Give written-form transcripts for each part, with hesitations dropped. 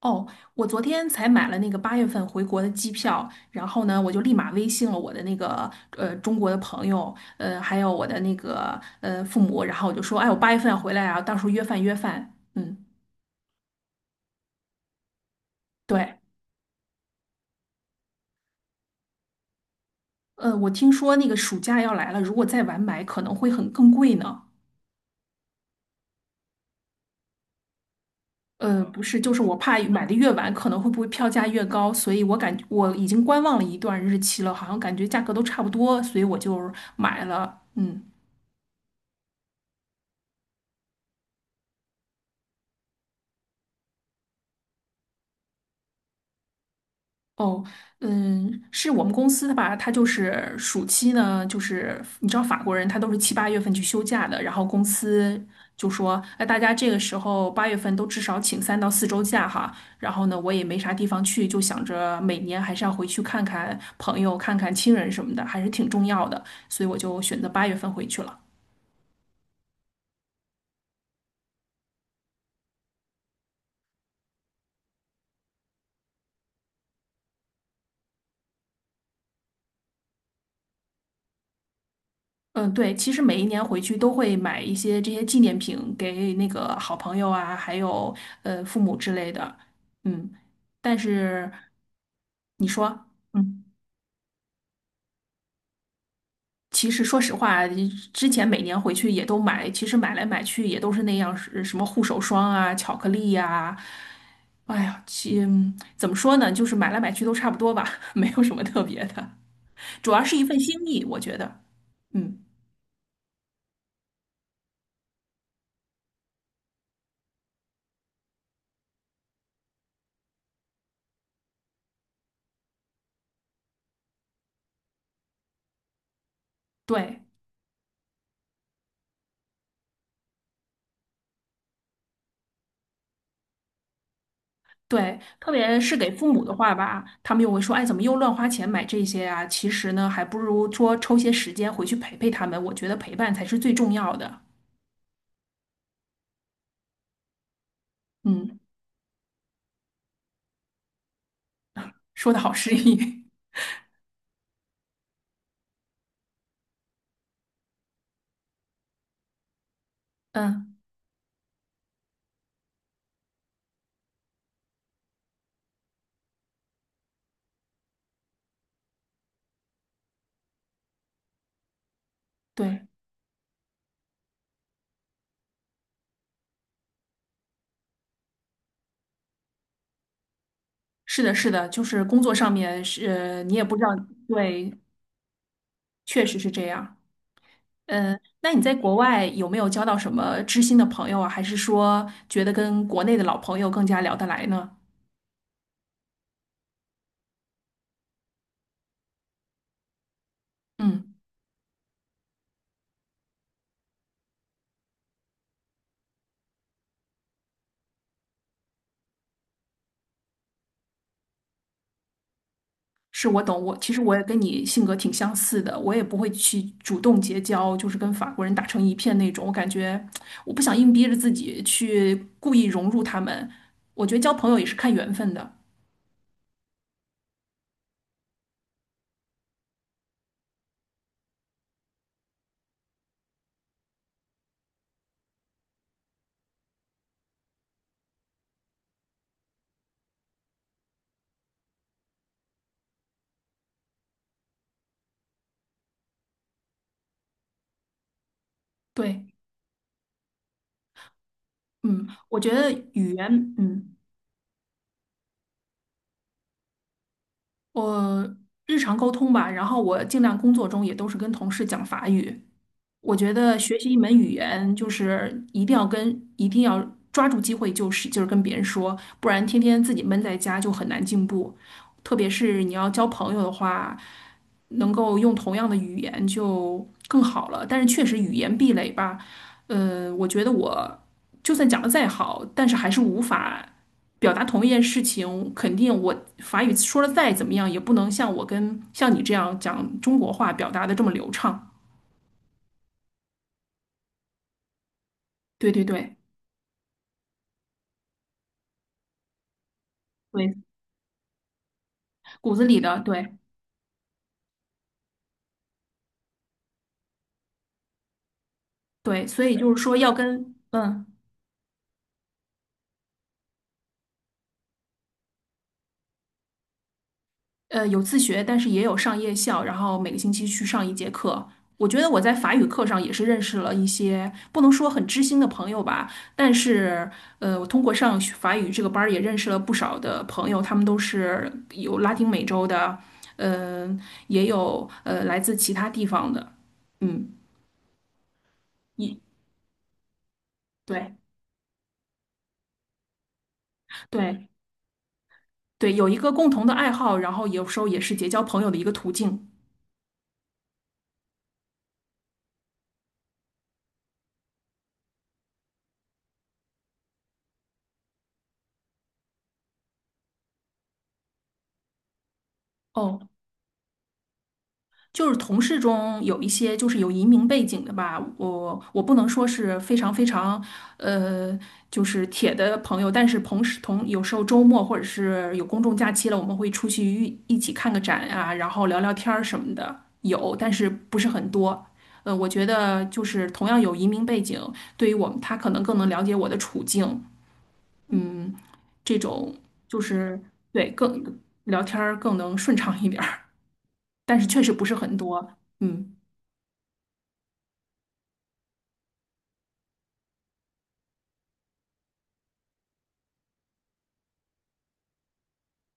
哦，我昨天才买了那个八月份回国的机票，然后呢，我就立马微信了我的那个中国的朋友，还有我的那个父母，然后我就说，哎，我八月份要回来啊，到时候约饭约饭。嗯，对，我听说那个暑假要来了，如果再晚买可能会很更贵呢。不是，就是我怕买的越晚，可能会不会票价越高，所以我已经观望了一段日期了，好像感觉价格都差不多，所以我就买了。嗯。哦，嗯，是我们公司的吧？他就是暑期呢，就是你知道法国人他都是七八月份去休假的，然后公司就说，哎，大家这个时候八月份都至少请三到四周假哈。然后呢，我也没啥地方去，就想着每年还是要回去看看朋友、看看亲人什么的，还是挺重要的，所以我就选择八月份回去了。嗯，对，其实每一年回去都会买一些这些纪念品给那个好朋友啊，还有父母之类的。嗯，但是你说，嗯，其实说实话啊，之前每年回去也都买，其实买来买去也都是那样，是什么护手霜啊、巧克力呀、哎呀，怎么说呢，就是买来买去都差不多吧，没有什么特别的，主要是一份心意，我觉得。嗯，对。对，特别是给父母的话吧，他们又会说：“哎，怎么又乱花钱买这些啊？”其实呢，还不如说抽些时间回去陪陪他们。我觉得陪伴才是最重要的。嗯，说的好诗意。嗯，对，是的，是的，就是工作上面是，你也不知道，对，确实是这样。嗯，那你在国外有没有交到什么知心的朋友啊？还是说觉得跟国内的老朋友更加聊得来呢？嗯。是我懂，我其实也跟你性格挺相似的，我也不会去主动结交，就是跟法国人打成一片那种。我感觉我不想硬逼着自己去故意融入他们。我觉得交朋友也是看缘分的。对，嗯，我觉得语言，嗯，我日常沟通吧，然后我尽量工作中也都是跟同事讲法语，我觉得学习一门语言，就是一定要抓住机会，就是跟别人说，不然天天自己闷在家就很难进步。特别是你要交朋友的话，能够用同样的语言就更好了。但是确实语言壁垒吧，我觉得我就算讲的再好，但是还是无法表达同一件事情。肯定我法语说的再怎么样，也不能像我跟像你这样讲中国话表达的这么流畅。对对对。对，骨子里的，对对，所以就是说要跟有自学，但是也有上夜校，然后每个星期去上一节课。我觉得我在法语课上也是认识了一些不能说很知心的朋友吧，但是我通过上学法语这个班儿也认识了不少的朋友，他们都是有拉丁美洲的，嗯、也有来自其他地方的，嗯，一对对对，有一个共同的爱好，然后有时候也是结交朋友的一个途径。哦，就是同事中有一些就是有移民背景的吧，我不能说是非常非常呃就是铁的朋友，但是同时同有时候周末或者是有公众假期了，我们会出去一起看个展啊，然后聊聊天儿什么的，有，但是不是很多。我觉得就是同样有移民背景，对于我们他可能更能了解我的处境，这种就是对更聊天儿更能顺畅一点儿，但是确实不是很多，嗯，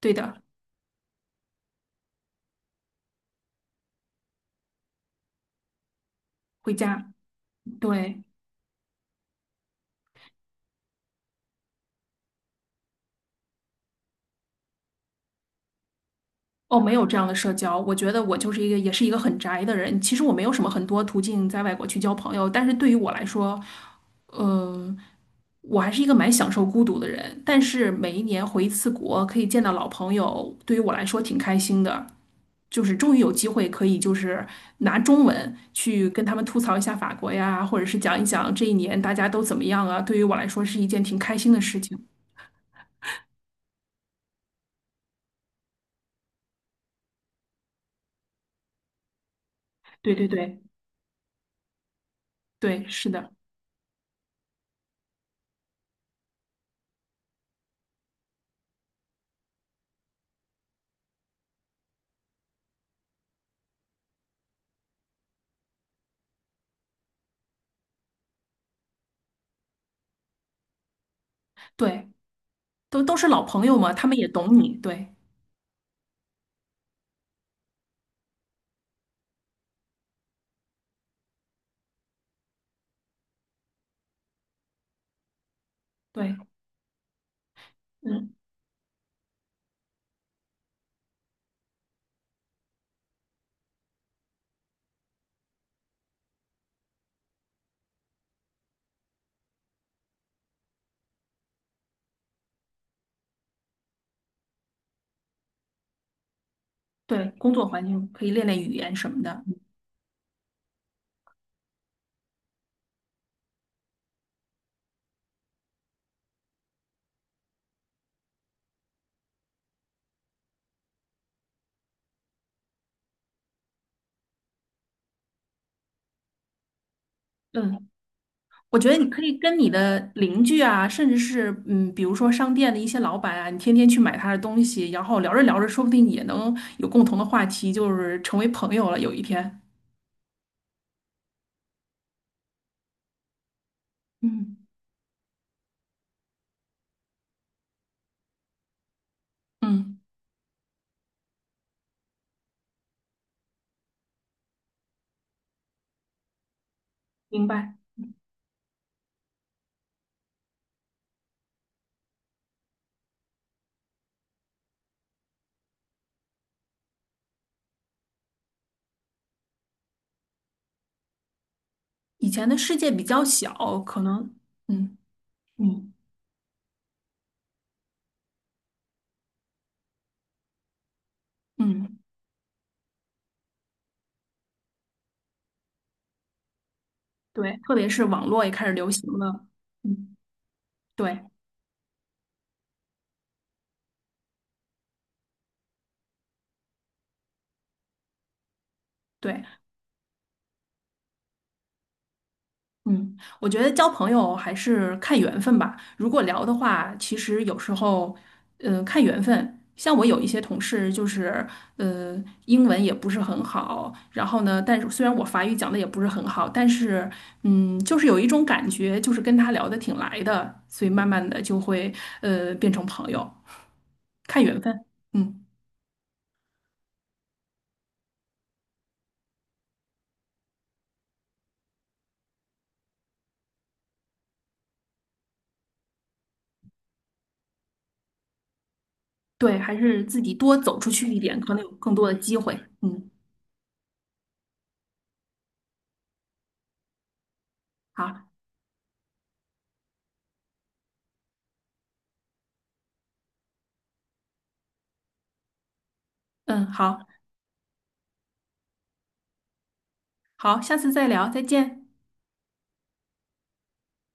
对的。回家，对，哦，没有这样的社交。我觉得我就是一个，也是一个很宅的人。其实我没有什么很多途径在外国去交朋友，但是对于我来说，呃，我还是一个蛮享受孤独的人。但是每一年回一次国，可以见到老朋友，对于我来说挺开心的。就是终于有机会可以，就是拿中文去跟他们吐槽一下法国呀，或者是讲一讲这一年大家都怎么样啊。对于我来说是一件挺开心的事情。对对对对，是的，对。都是老朋友嘛，他们也懂你，对对，嗯，对，工作环境可以练练语言什么的，嗯，我觉得你可以跟你的邻居啊，甚至是嗯，比如说商店的一些老板啊，你天天去买他的东西，然后聊着聊着，说不定也能有共同的话题，就是成为朋友了，有一天，嗯嗯，明白。以前的世界比较小，可能，嗯嗯嗯，对，特别是网络也开始流行了，嗯，对对。嗯，我觉得交朋友还是看缘分吧。如果聊的话，其实有时候，看缘分。像我有一些同事，就是呃，英文也不是很好，然后呢，但是虽然我法语讲的也不是很好，但是嗯，就是有一种感觉，就是跟他聊得挺来的，所以慢慢的就会变成朋友，看缘分。嗯，对，还是自己多走出去一点，可能有更多的机会。嗯，好，嗯，好，好，下次再聊，再见。